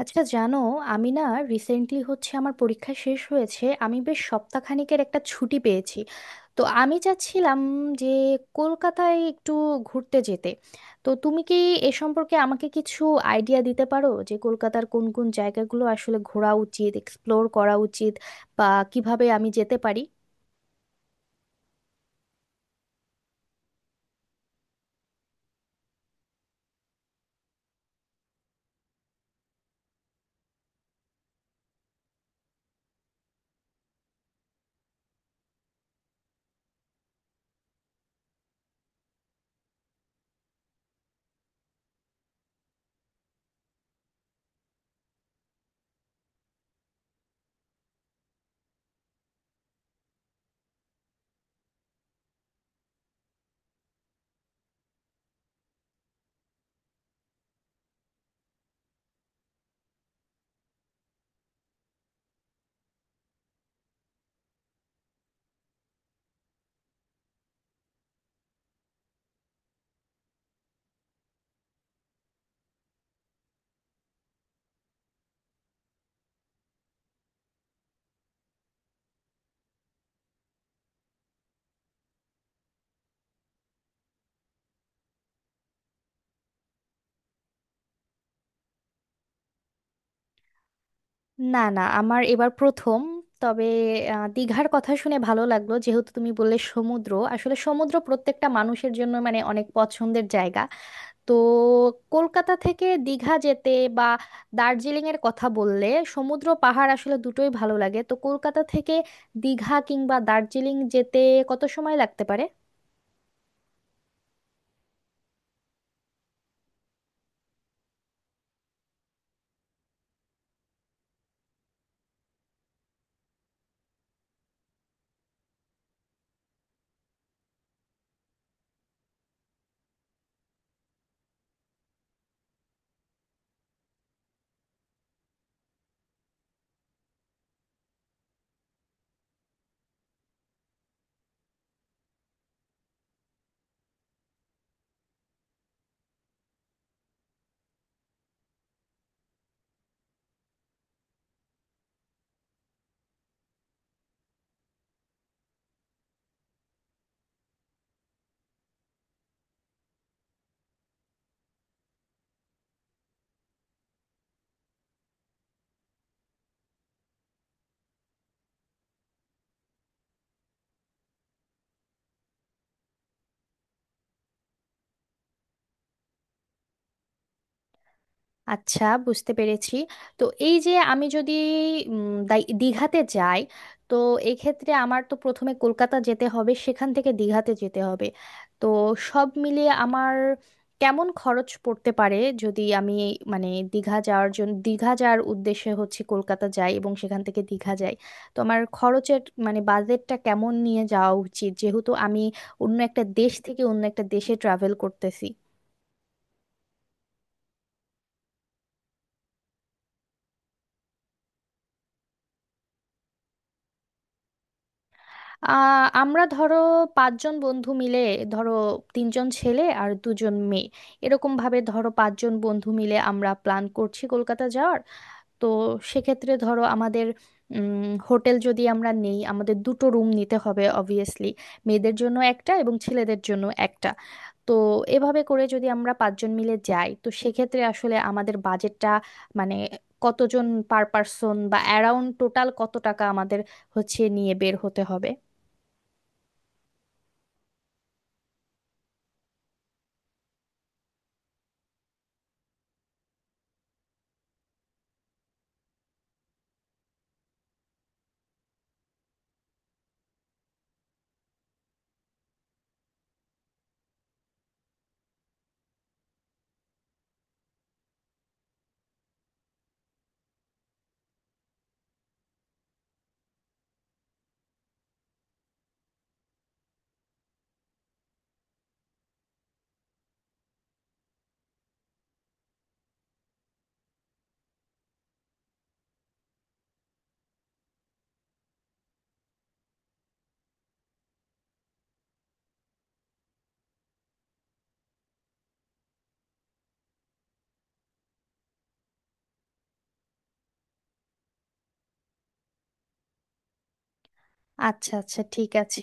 আচ্ছা, জানো, আমি না, রিসেন্টলি হচ্ছে আমার পরীক্ষা শেষ হয়েছে। আমি বেশ সপ্তাহখানেকের একটা ছুটি পেয়েছি। তো আমি চাচ্ছিলাম যে কলকাতায় একটু ঘুরতে যেতে। তো তুমি কি এ সম্পর্কে আমাকে কিছু আইডিয়া দিতে পারো যে কলকাতার কোন কোন জায়গাগুলো আসলে ঘোরা উচিত, এক্সপ্লোর করা উচিত, বা কিভাবে আমি যেতে পারি? না না, আমার এবার প্রথম। তবে দীঘার কথা শুনে ভালো লাগলো, যেহেতু তুমি বললে সমুদ্র, আসলে সমুদ্র প্রত্যেকটা মানুষের জন্য মানে অনেক পছন্দের জায়গা। তো কলকাতা থেকে দীঘা যেতে বা দার্জিলিং এর কথা বললে, সমুদ্র পাহাড় আসলে দুটোই ভালো লাগে। তো কলকাতা থেকে দীঘা কিংবা দার্জিলিং যেতে কত সময় লাগতে পারে? আচ্ছা, বুঝতে পেরেছি। তো এই যে আমি যদি দীঘাতে যাই, তো এক্ষেত্রে আমার তো প্রথমে কলকাতা যেতে হবে, সেখান থেকে দীঘাতে যেতে হবে। তো সব মিলিয়ে আমার কেমন খরচ পড়তে পারে? যদি আমি মানে দীঘা যাওয়ার জন্য, দীঘা যাওয়ার উদ্দেশ্যে হচ্ছে কলকাতা যাই এবং সেখান থেকে দীঘা যাই, তো আমার খরচের মানে বাজেটটা কেমন নিয়ে যাওয়া উচিত, যেহেতু আমি অন্য একটা দেশ থেকে অন্য একটা দেশে ট্রাভেল করতেছি। আমরা ধরো পাঁচজন বন্ধু মিলে, ধরো তিনজন ছেলে আর দুজন মেয়ে, এরকম ভাবে ধরো পাঁচজন বন্ধু মিলে আমরা প্ল্যান করছি কলকাতা যাওয়ার। তো সেক্ষেত্রে ধরো আমাদের হোটেল যদি আমরা নেই, আমাদের দুটো রুম নিতে হবে অবভিয়াসলি, মেয়েদের জন্য একটা এবং ছেলেদের জন্য একটা। তো এভাবে করে যদি আমরা পাঁচজন মিলে যাই, তো সেক্ষেত্রে আসলে আমাদের বাজেটটা মানে কতজন পার পার্সন বা অ্যারাউন্ড টোটাল কত টাকা আমাদের হচ্ছে নিয়ে বের হতে হবে। আচ্ছা আচ্ছা, ঠিক আছে।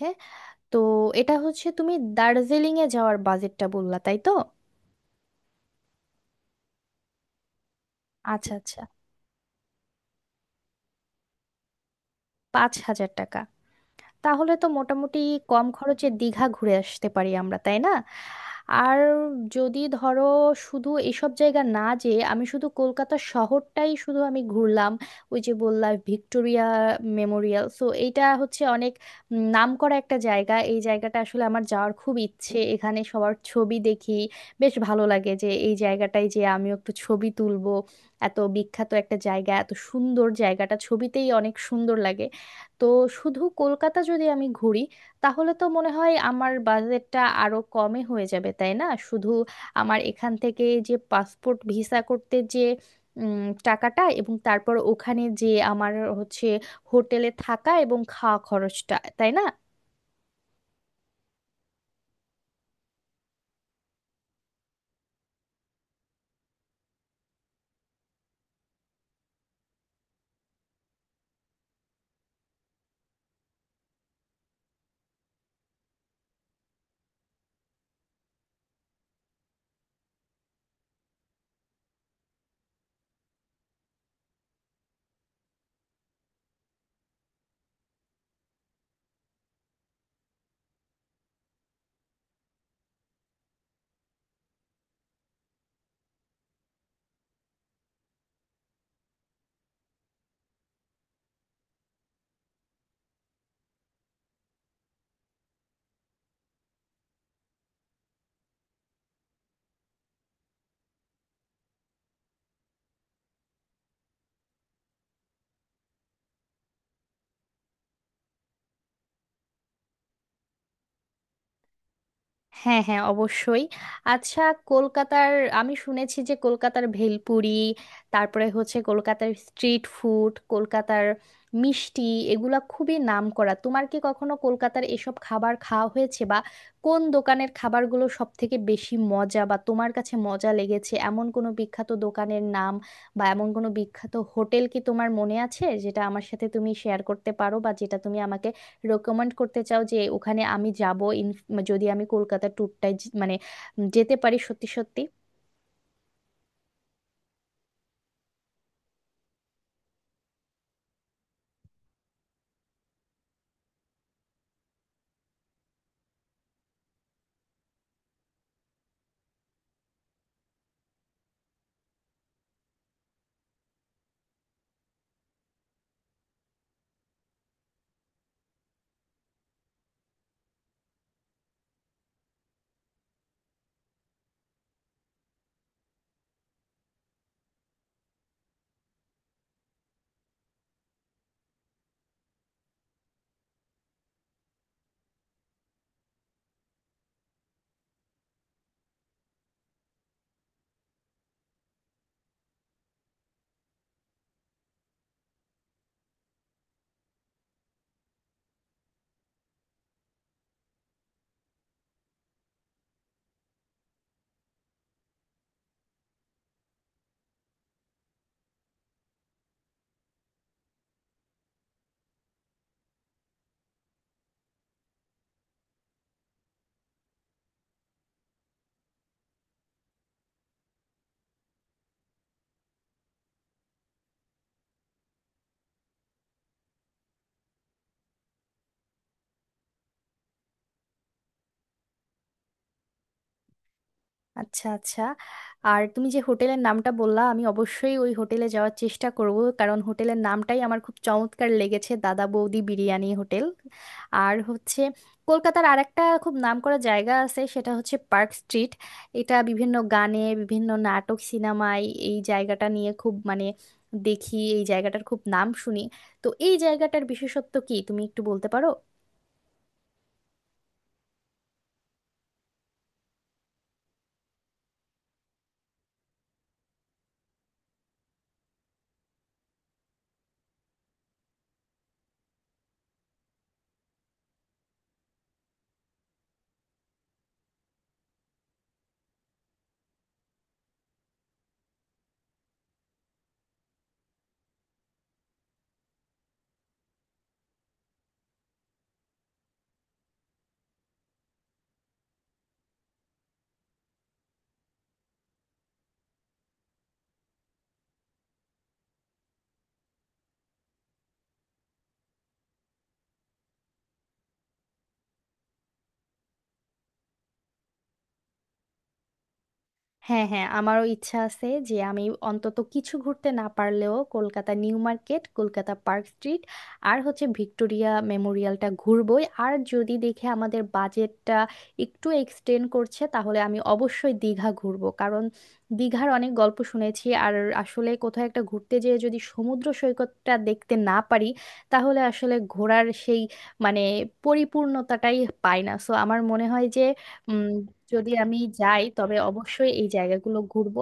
তো এটা হচ্ছে তুমি দার্জিলিং এ যাওয়ার বাজেটটা বললা, তাই তো? আচ্ছা আচ্ছা। 5,000 টাকা? তাহলে তো মোটামুটি কম খরচে দীঘা ঘুরে আসতে পারি আমরা, তাই না? আর যদি ধরো শুধু এসব জায়গা না যেয়ে আমি শুধু কলকাতা শহরটাই শুধু আমি ঘুরলাম, ওই যে বললাম ভিক্টোরিয়া মেমোরিয়াল, সো এইটা হচ্ছে অনেক নাম করা একটা জায়গা, এই জায়গাটা আসলে আমার যাওয়ার খুব ইচ্ছে, এখানে সবার ছবি দেখি, বেশ ভালো লাগে যে এই জায়গাটায় যে আমিও একটু ছবি তুলবো। এত বিখ্যাত একটা জায়গা, এত সুন্দর জায়গাটা ছবিতেই অনেক সুন্দর লাগে। তো শুধু কলকাতা যদি আমি ঘুরি, তাহলে তো মনে হয় আমার বাজেটটা আরো কমে হয়ে যাবে, তাই না? শুধু আমার এখান থেকে যে পাসপোর্ট ভিসা করতে, যে টাকাটা এবং তারপর ওখানে যে আমার হচ্ছে হোটেলে থাকা এবং খাওয়া খরচটা, তাই না? হ্যাঁ হ্যাঁ, অবশ্যই। আচ্ছা, কলকাতার, আমি শুনেছি যে কলকাতার ভেলপুরি, তারপরে হচ্ছে কলকাতার স্ট্রিট ফুড, কলকাতার মিষ্টি, এগুলা খুবই নামকরা। তোমার কি কখনো কলকাতার এসব খাবার খাওয়া হয়েছে? বা কোন দোকানের খাবারগুলো সব থেকে বেশি মজা, বা তোমার কাছে মজা লেগেছে, এমন কোনো বিখ্যাত দোকানের নাম বা এমন কোনো বিখ্যাত হোটেল কি তোমার মনে আছে যেটা আমার সাথে তুমি শেয়ার করতে পারো, বা যেটা তুমি আমাকে রেকমেন্ড করতে চাও যে ওখানে আমি যাব, ইন, যদি আমি কলকাতা ট্যুরটায় মানে যেতে পারি সত্যি সত্যি? আচ্ছা আচ্ছা। আর তুমি যে হোটেলের নামটা বললা, আমি অবশ্যই ওই হোটেলে যাওয়ার চেষ্টা করব, কারণ হোটেলের নামটাই আমার খুব চমৎকার লেগেছে, দাদা বৌদি বিরিয়ানি হোটেল। আর হচ্ছে কলকাতার আরেকটা খুব নামকরা জায়গা আছে, সেটা হচ্ছে পার্ক স্ট্রিট। এটা বিভিন্ন গানে, বিভিন্ন নাটক সিনেমায় এই জায়গাটা নিয়ে খুব মানে দেখি, এই জায়গাটার খুব নাম শুনি। তো এই জায়গাটার বিশেষত্ব কি তুমি একটু বলতে পারো? হ্যাঁ হ্যাঁ, আমারও ইচ্ছা আছে যে আমি অন্তত কিছু ঘুরতে না পারলেও কলকাতা নিউ মার্কেট, কলকাতা পার্ক স্ট্রিট, আর হচ্ছে ভিক্টোরিয়া মেমোরিয়ালটা ঘুরবই। আর যদি দেখে আমাদের বাজেটটা একটু এক্সটেন্ড করছে, তাহলে আমি অবশ্যই দীঘা ঘুরবো, কারণ দীঘার অনেক গল্প শুনেছি। আর আসলে কোথাও একটা ঘুরতে যেয়ে যদি সমুদ্র সৈকতটা দেখতে না পারি, তাহলে আসলে ঘোরার সেই মানে পরিপূর্ণতাটাই পাই না। সো আমার মনে হয় যে উম, যদি আমি যাই, তবে অবশ্যই এই জায়গাগুলো ঘুরবো।